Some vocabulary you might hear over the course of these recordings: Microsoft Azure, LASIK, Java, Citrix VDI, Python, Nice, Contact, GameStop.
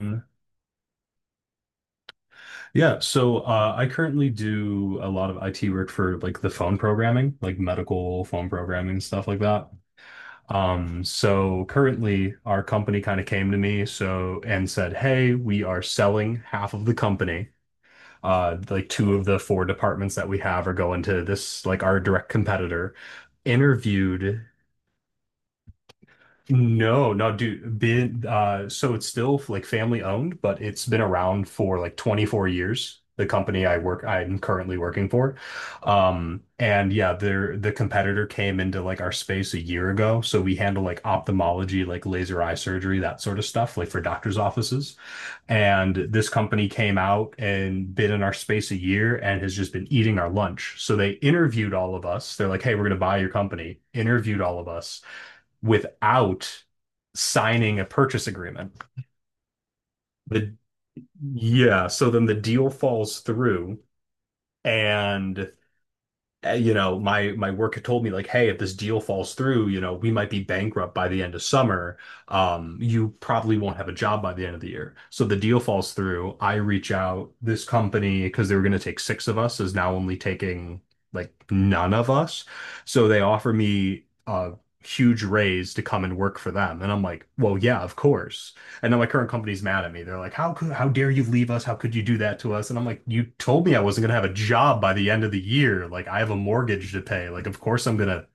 Mm. Yeah, I currently do a lot of IT work for like the phone programming, like medical phone programming, stuff like that. So currently our company kind of came to me so and said, "Hey, we are selling half of the company. Like two of the four departments that we have are going to this like our direct competitor." Interviewed. No, no, dude. Been so it's still like family owned, but it's been around for like 24 years. The company I work, I'm currently working for, and yeah, the competitor came into like our space a year ago. So we handle like ophthalmology, like laser eye surgery, that sort of stuff, like for doctors' offices. And this company came out and been in our space a year and has just been eating our lunch. So they interviewed all of us. They're like, "Hey, we're going to buy your company." Interviewed all of us without signing a purchase agreement. The yeah, so then the deal falls through and my work had told me like, hey, if this deal falls through, you know, we might be bankrupt by the end of summer. You probably won't have a job by the end of the year. So the deal falls through. I reach out. This company, because they were going to take six of us, is now only taking like none of us. So they offer me a huge raise to come and work for them, and I'm like, well, yeah, of course. And then my current company's mad at me. They're like, "How could, how dare you leave us? How could you do that to us?" And I'm like, "You told me I wasn't gonna have a job by the end of the year. Like, I have a mortgage to pay. Like, of course I'm gonna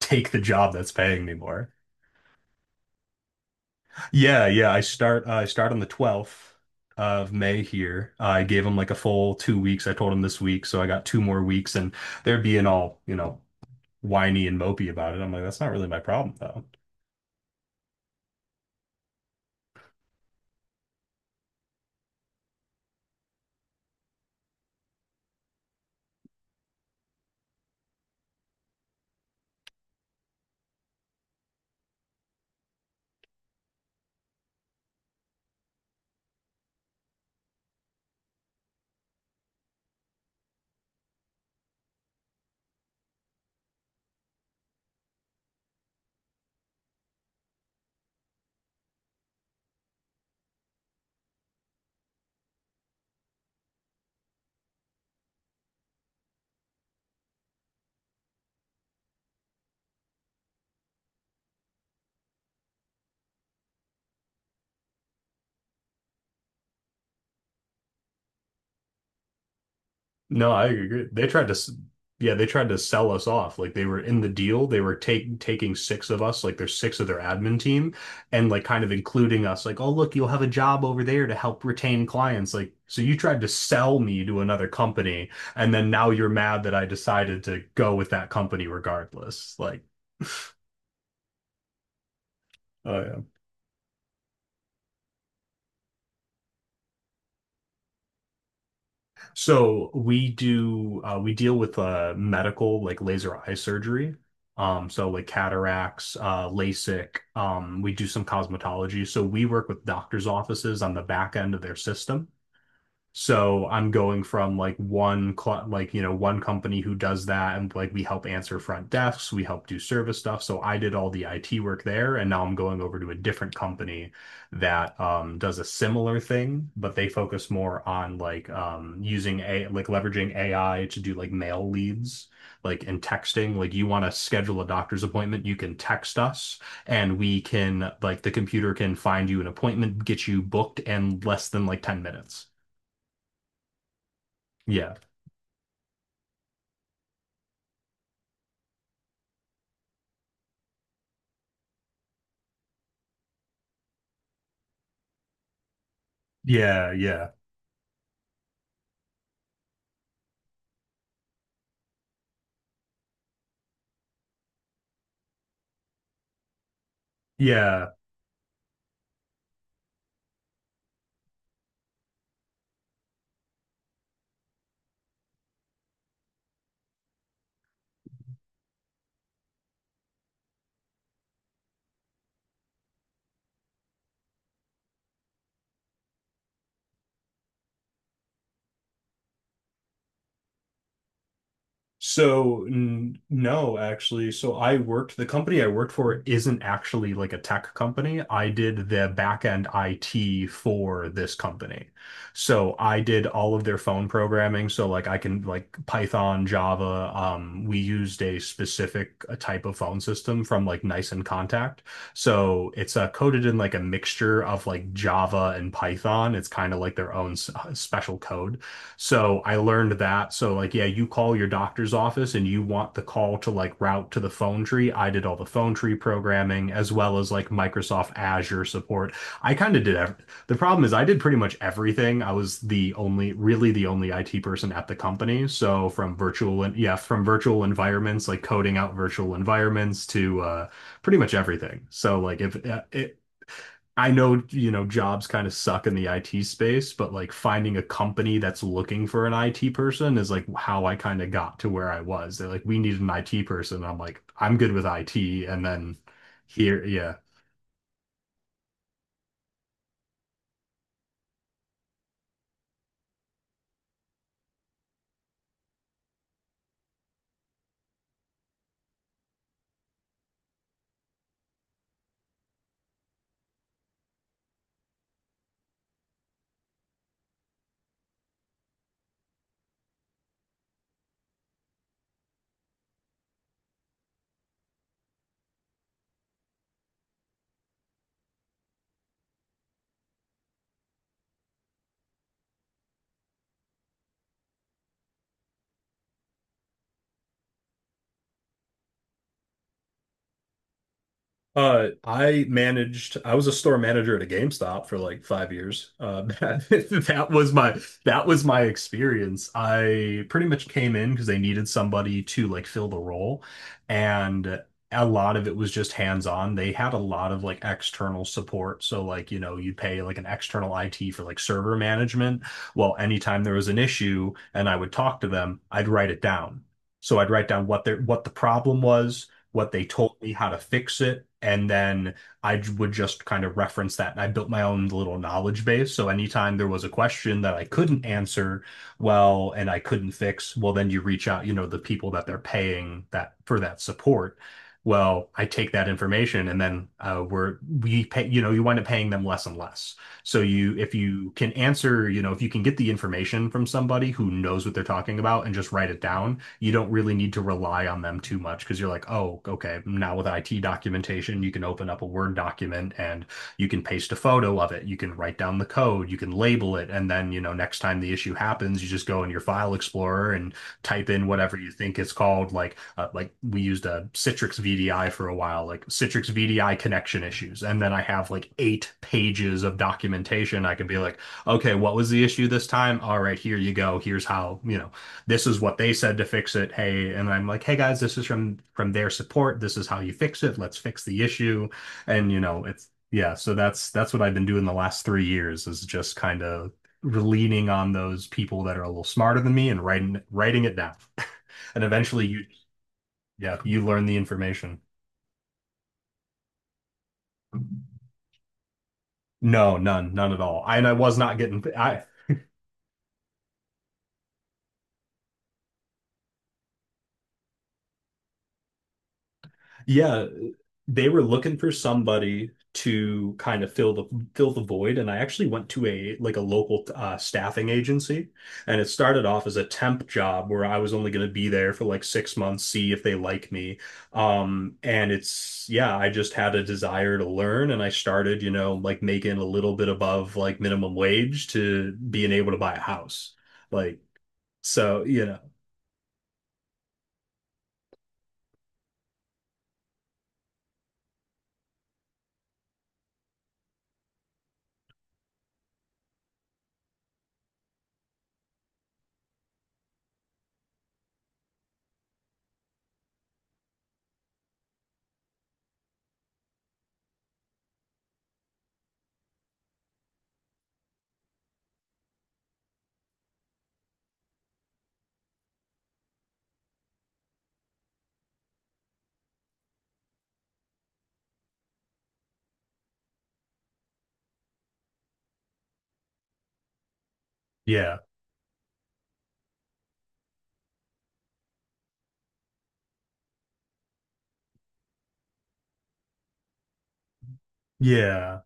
take the job that's paying me more." Yeah, yeah. I start on the 12th of May here. I gave them like a full 2 weeks. I told them this week, so I got two more weeks, and they're being all, you know, whiny and mopey about it. I'm like, that's not really my problem, though. No, I agree. They tried to, s- Yeah, they tried to sell us off. Like they were in the deal. They were taking six of us, like there's six of their admin team, and like kind of including us. Like, oh, look, you'll have a job over there to help retain clients. Like, so you tried to sell me to another company, and then now you're mad that I decided to go with that company regardless. Like, oh. So we deal with medical like laser eye surgery. So like cataracts, LASIK. We do some cosmetology. So we work with doctors' offices on the back end of their system. So I'm going from like one cl like you know one company who does that and like we help answer front desks, we help do service stuff. So I did all the IT work there, and now I'm going over to a different company that does a similar thing, but they focus more on like using a like leveraging AI to do like mail leads, like in texting. Like you want to schedule a doctor's appointment, you can text us and we can like the computer can find you an appointment, get you booked in less than like 10 minutes. Yeah. Yeah, yeah, yeah. So n no, actually. So I worked, the company I worked for isn't actually like a tech company. I did the back end IT for this company. So I did all of their phone programming. So like I can like Python, Java. We used a specific type of phone system from like Nice and Contact. So it's coded in like a mixture of like Java and Python. It's kind of like their own special code. So I learned that. So like, yeah, you call your doctor's office and you want the call to like route to the phone tree. I did all the phone tree programming as well as like Microsoft Azure support. I kind of did ev The problem is I did pretty much everything. I was the only, really the only IT person at the company. So from virtual and Yeah, from virtual environments, like coding out virtual environments to pretty much everything. So like if it, I know, you know, jobs kind of suck in the IT space, but like finding a company that's looking for an IT person is like how I kind of got to where I was. They're like, we need an IT person. I'm like, I'm good with IT. And then here, yeah. I was a store manager at a GameStop for like 5 years. That was my experience. I pretty much came in because they needed somebody to like fill the role, and a lot of it was just hands-on. They had a lot of like external support. So like, you know, you pay like an external IT for like server management. Well, anytime there was an issue and I would talk to them, I'd write it down. So I'd write down what the problem was, what they told me, how to fix it. And then I would just kind of reference that. And I built my own little knowledge base. So anytime there was a question that I couldn't answer well and I couldn't fix, well, then you reach out, you know, the people that they're paying that for that support. Well, I take that information and then we pay, you know, you wind up paying them less and less. So you, if you can answer, you know, if you can get the information from somebody who knows what they're talking about and just write it down, you don't really need to rely on them too much because you're like, oh, okay, now with IT documentation, you can open up a Word document and you can paste a photo of it. You can write down the code, you can label it. And then, you know, next time the issue happens, you just go in your file explorer and type in whatever you think it's called. Like we used a Citrix VDI for a while, like Citrix VDI connection issues. And then I have like eight pages of documentation. I can be like, okay, what was the issue this time? All right, here you go. Here's how, you know, this is what they said to fix it. Hey, and I'm like, hey guys, this is from their support. This is how you fix it. Let's fix the issue. And you know, it's yeah. So that's what I've been doing the last 3 years is just kind of leaning on those people that are a little smarter than me and writing it down. and eventually, you Yeah, you learn the information. No, none, none at all. I, and I was not getting. I Yeah, they were looking for somebody to kind of fill the void, and I actually went to a like a local staffing agency, and it started off as a temp job where I was only going to be there for like 6 months, see if they like me. And it's Yeah, I just had a desire to learn, and I started, you know, like making a little bit above like minimum wage to being able to buy a house, like so, you know, yeah, yeah.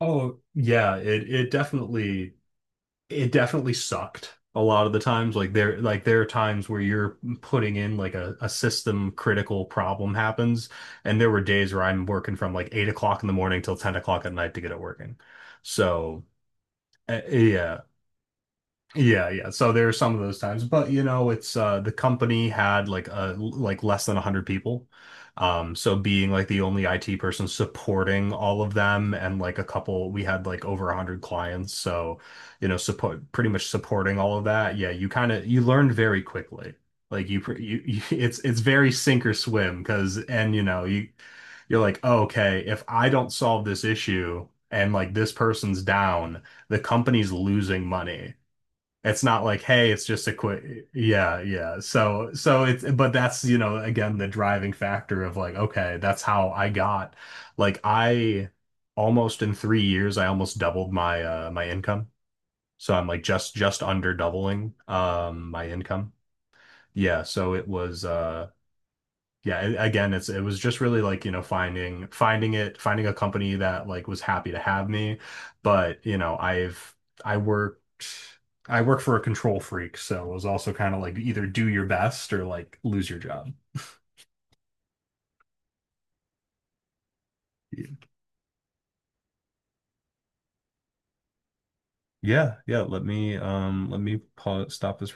Oh, yeah, it definitely. It definitely sucked a lot of the times. Like there are times where you're putting in like a system critical problem happens, and there were days where I'm working from like 8 o'clock in the morning till 10 o'clock at night to get it working. So uh, yeah, yeah. So there are some of those times, but you know, it's the company had like less than 100 people. So being like the only IT person supporting all of them and like a couple we had like over 100 clients. So, you know, support pretty much supporting all of that. Yeah, you kind of you learned very quickly. Like you, pr- you it's very sink or swim because and you know, you're like, oh, okay, if I don't solve this issue and like this person's down, the company's losing money. It's not like, hey, it's just a quick, yeah, yeah. So it's, but that's, you know, again, the driving factor of like, okay, that's how I got, like, I almost in 3 years, I almost doubled my, my income. So I'm like just under doubling, my income. Yeah. So it was, yeah, again it's it was just really like you know finding a company that like was happy to have me but you know I worked I work for a control freak so it was also kind of like either do your best or like lose your job. Yeah, yeah. Let me pause, stop this.